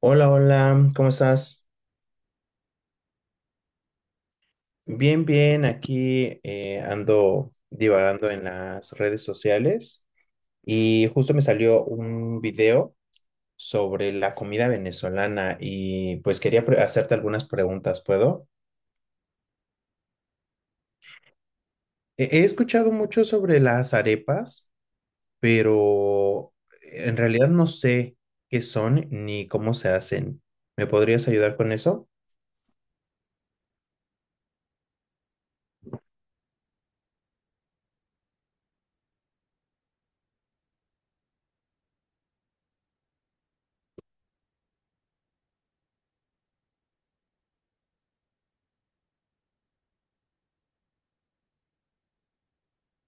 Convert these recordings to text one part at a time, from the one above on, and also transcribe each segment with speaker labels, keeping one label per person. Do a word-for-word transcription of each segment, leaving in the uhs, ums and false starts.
Speaker 1: Hola, hola, ¿cómo estás? Bien, bien, aquí eh, ando divagando en las redes sociales y justo me salió un video sobre la comida venezolana y pues quería pre- hacerte algunas preguntas, ¿puedo? He, he escuchado mucho sobre las arepas, pero en realidad no sé qué son ni cómo se hacen. ¿Me podrías ayudar con eso?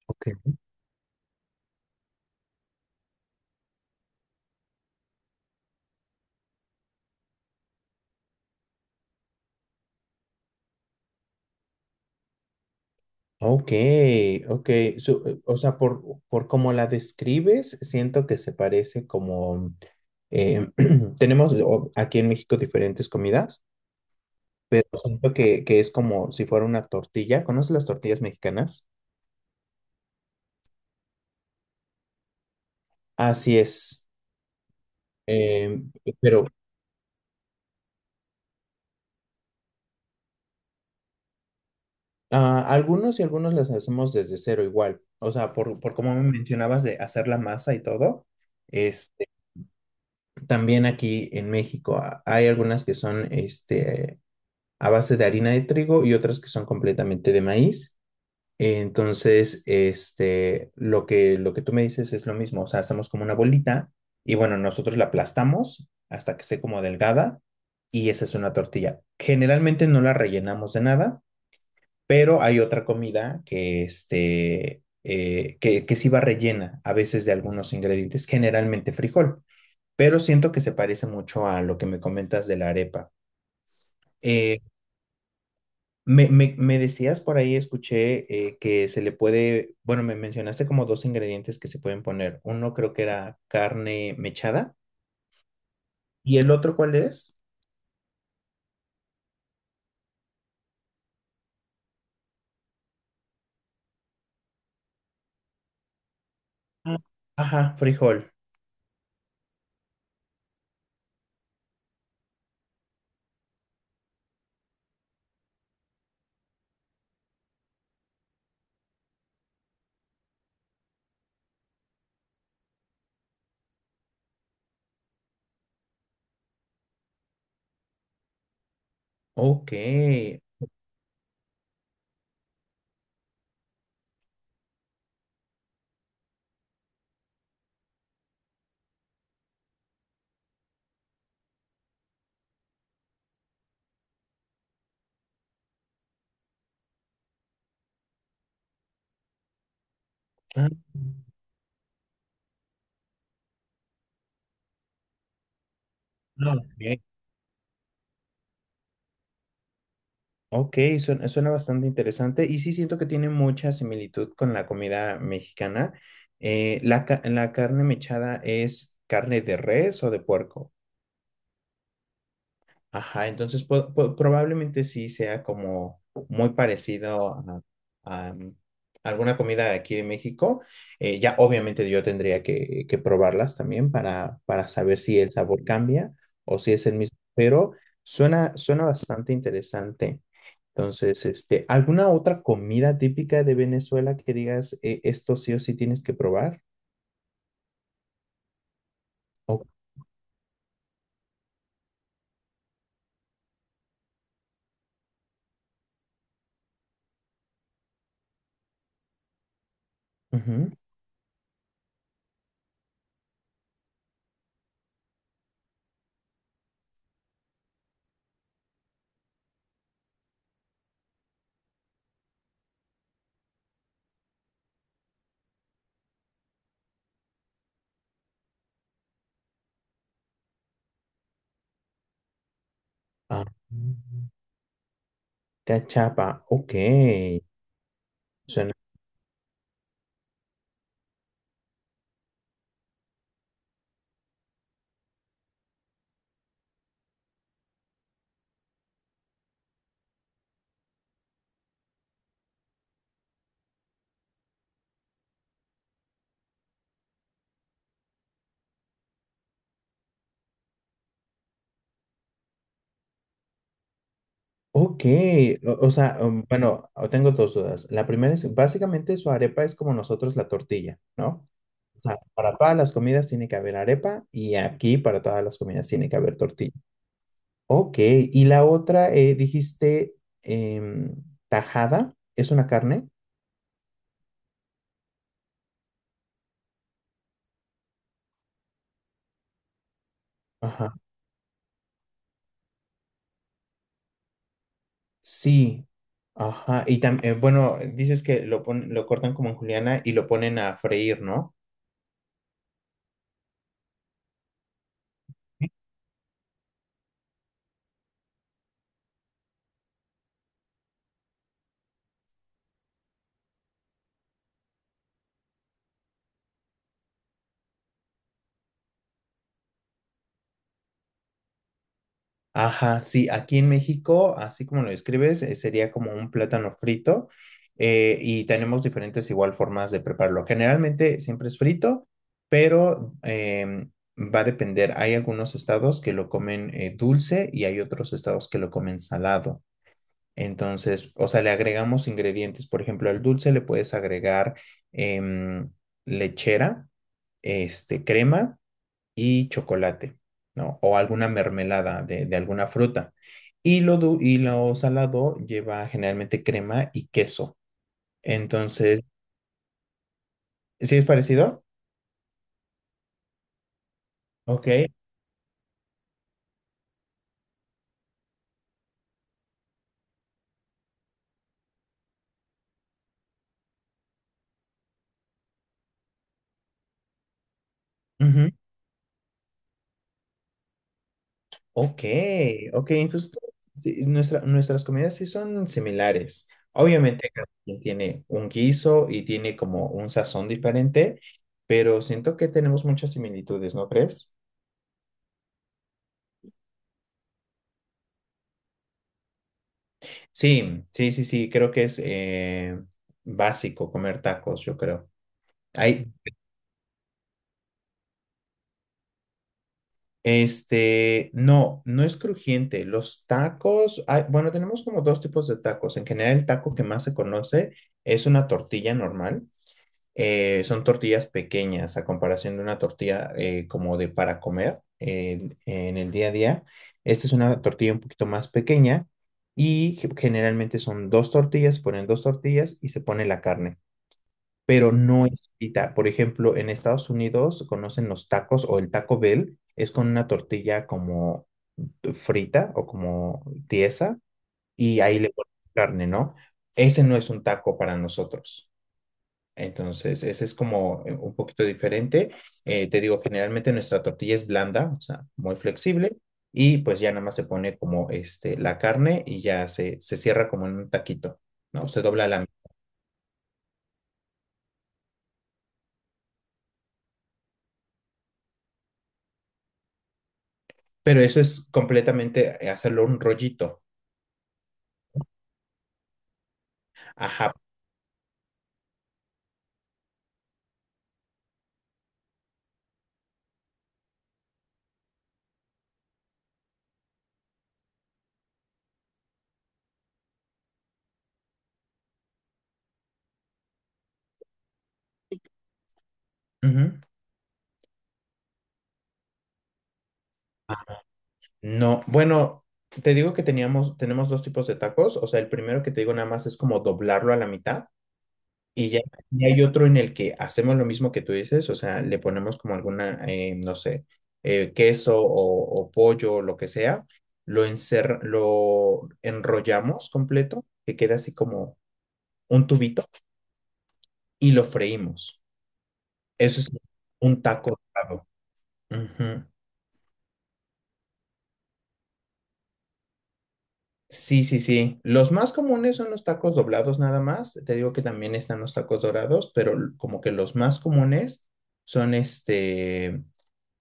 Speaker 1: Ok. Ok, ok. Su- eh, o sea, por, por cómo la describes, siento que se parece como eh, tenemos o- aquí en México diferentes comidas, pero siento que, que es como si fuera una tortilla. ¿Conoces las tortillas mexicanas? Así es. Eh, pero ah, Algunos y algunos las hacemos desde cero igual. O sea, por, por como me mencionabas de hacer la masa y todo, este, también aquí en México ah, hay algunas que son este, a base de harina de trigo y otras que son completamente de maíz. Entonces, este, lo que, lo que tú me dices es lo mismo, o sea, hacemos como una bolita y bueno, nosotros la aplastamos hasta que esté como delgada y esa es una tortilla. Generalmente no la rellenamos de nada, pero hay otra comida que, este, eh, que, que sí va rellena a veces de algunos ingredientes, generalmente frijol, pero siento que se parece mucho a lo que me comentas de la arepa. Eh, Me, me- me decías por ahí, escuché eh, que se le puede, bueno, me mencionaste como dos ingredientes que se pueden poner. Uno creo que era carne mechada y el otro ¿cuál es? Ah, Ajá, frijol. Ok. Ah, no, ok. Ok, suena, suena bastante interesante y sí siento que tiene mucha similitud con la comida mexicana. Eh, la, ca- la carne mechada es carne de res o de puerco. Ajá, entonces po- po- probablemente sí sea como muy parecido a, a, mm, alguna comida de aquí de México. Eh, ya obviamente yo tendría que, que probarlas también para, para saber si el sabor cambia o si es el mismo, pero suena, suena bastante interesante. Entonces, este, ¿alguna otra comida típica de Venezuela que digas, "Eh, esto sí o sí tienes que probar? O- ujú. Ah, cachapa, ok. Suena ok, o, o sea, um, bueno, o tengo dos dudas. La primera es, básicamente su arepa es como nosotros la tortilla, ¿no? O sea, para todas las comidas tiene que haber arepa y aquí para todas las comidas tiene que haber tortilla. Ok, y la otra, eh, dijiste em, tajada, ¿es una carne? Ajá, sí, ajá, y también, bueno, dices que lo, pon- lo cortan como en juliana y lo ponen a freír, ¿no? Ajá, sí, aquí en México, así como lo describes, eh, sería como un plátano frito eh, y tenemos diferentes igual formas de prepararlo. Generalmente siempre es frito, pero em, va a depender. Hay algunos estados que lo comen eh, dulce y hay otros estados que lo comen salado. Entonces, o sea, le agregamos ingredientes. Por ejemplo, al dulce le puedes agregar em, lechera, este, crema y chocolate, ¿no? O alguna mermelada de, de alguna fruta. Y lo, du- y lo salado lleva generalmente crema y queso. Entonces, ¿sí es parecido? Ok. Ujú. Ok, ok. Entonces, sí, nuestra- nuestras comidas sí son similares. Obviamente, cada quien tiene un guiso y tiene como un sazón diferente, pero siento que tenemos muchas similitudes, ¿no crees? Sí, sí, sí, sí. Creo que es eh, básico comer tacos, yo creo. Ay, este, no, no es crujiente. Los tacos, hay- bueno, tenemos como dos tipos de tacos. En general, el taco que más se conoce es una tortilla normal. Eh, son tortillas pequeñas a comparación de una tortilla eh, como de para comer en en el día a día. Esta es una tortilla un poquito más pequeña y ge- generalmente son dos tortillas, se ponen dos tortillas y se pone la carne. Pero no es frita. Por ejemplo, en Estados Unidos conocen los tacos o el Taco Bell, es con una tortilla como frita o como tiesa y ahí le ponen carne, ¿no? Ese no es un taco para nosotros. Entonces, ese es como eh, un poquito diferente. Eh, te digo, generalmente nuestra tortilla es blanda, o sea, muy flexible, y pues ya nada más se pone como este, la carne y ya se, se cierra como en un taquito, ¿no? Se dobla la... Pero eso es completamente eh, hacerlo un rollito. Ajá. Ujú. No, bueno, te digo que teníamos, tenemos dos tipos de tacos. O sea, el primero que te digo nada más es como doblarlo a la mitad. Y ya, y hay otro en el que hacemos lo mismo que tú dices. O sea, le ponemos como alguna, eh, no sé, eh, queso o, o pollo o lo que sea. Lo, encer- lo enrollamos completo, que queda así como un tubito, y lo freímos. Eso es un taco dorado. Ujú. Sí, sí, sí. Los más comunes son los tacos doblados nada más. Te digo que también están los tacos dorados, pero l- como que los más comunes son este,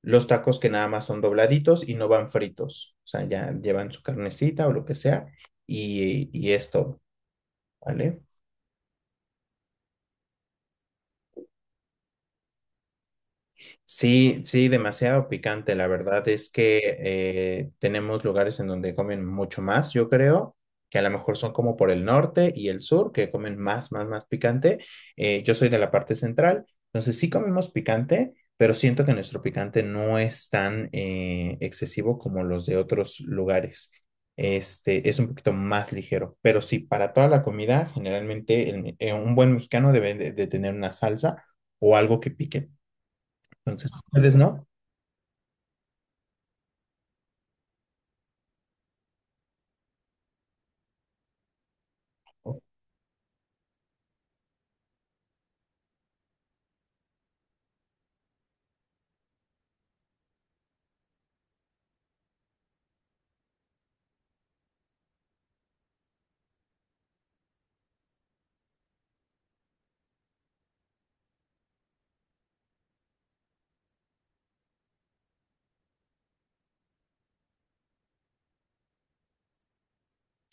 Speaker 1: los tacos que nada más son dobladitos y no van fritos. O sea, ya llevan su carnecita o lo que sea y, y es todo, ¿vale? Sí, sí, demasiado picante. La verdad es que eh, tenemos lugares en donde comen mucho más, yo creo, que a lo mejor son como por el norte y el sur, que comen más, más, más picante. Eh, yo soy de la parte central, entonces sí comemos picante, pero siento que nuestro picante no es tan eh, excesivo como los de otros lugares. Este es un poquito más ligero, pero sí, para toda la comida, generalmente el- eh, un buen mexicano debe de de tener una salsa o algo que pique. Entonces, ustedes no.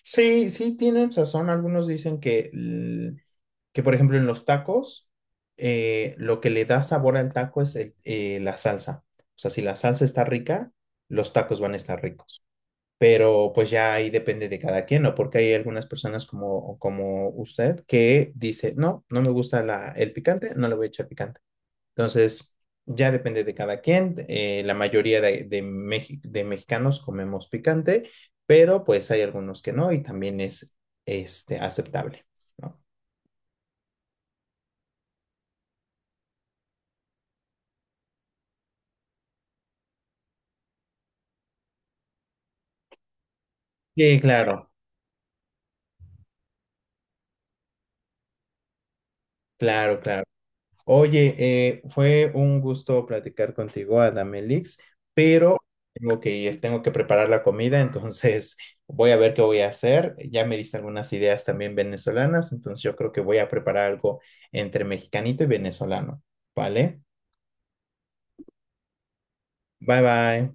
Speaker 1: Sí, sí, tienen razón. Algunos dicen que, l- que por ejemplo, en los tacos, eh, lo que le da sabor al taco es el- eh, la salsa. O sea, si la salsa está rica, los tacos van a estar ricos. Pero pues ya ahí depende de cada quien, ¿no? Porque hay algunas personas como, como usted que dice, no, no me gusta la, el picante, no le voy a echar picante. Entonces, ya depende de cada quien. Eh, la mayoría de, de, mex de mexicanos comemos picante, pero pues hay algunos que no y también es este, aceptable, ¿no? Sí, claro, claro, claro. Oye, eh, fue un gusto platicar contigo, Adamelix, pero tengo que ir, tengo que preparar la comida, entonces voy a ver qué voy a hacer. Ya me diste algunas ideas también venezolanas, entonces yo creo que voy a preparar algo entre mexicanito y venezolano, ¿vale? Bye bye.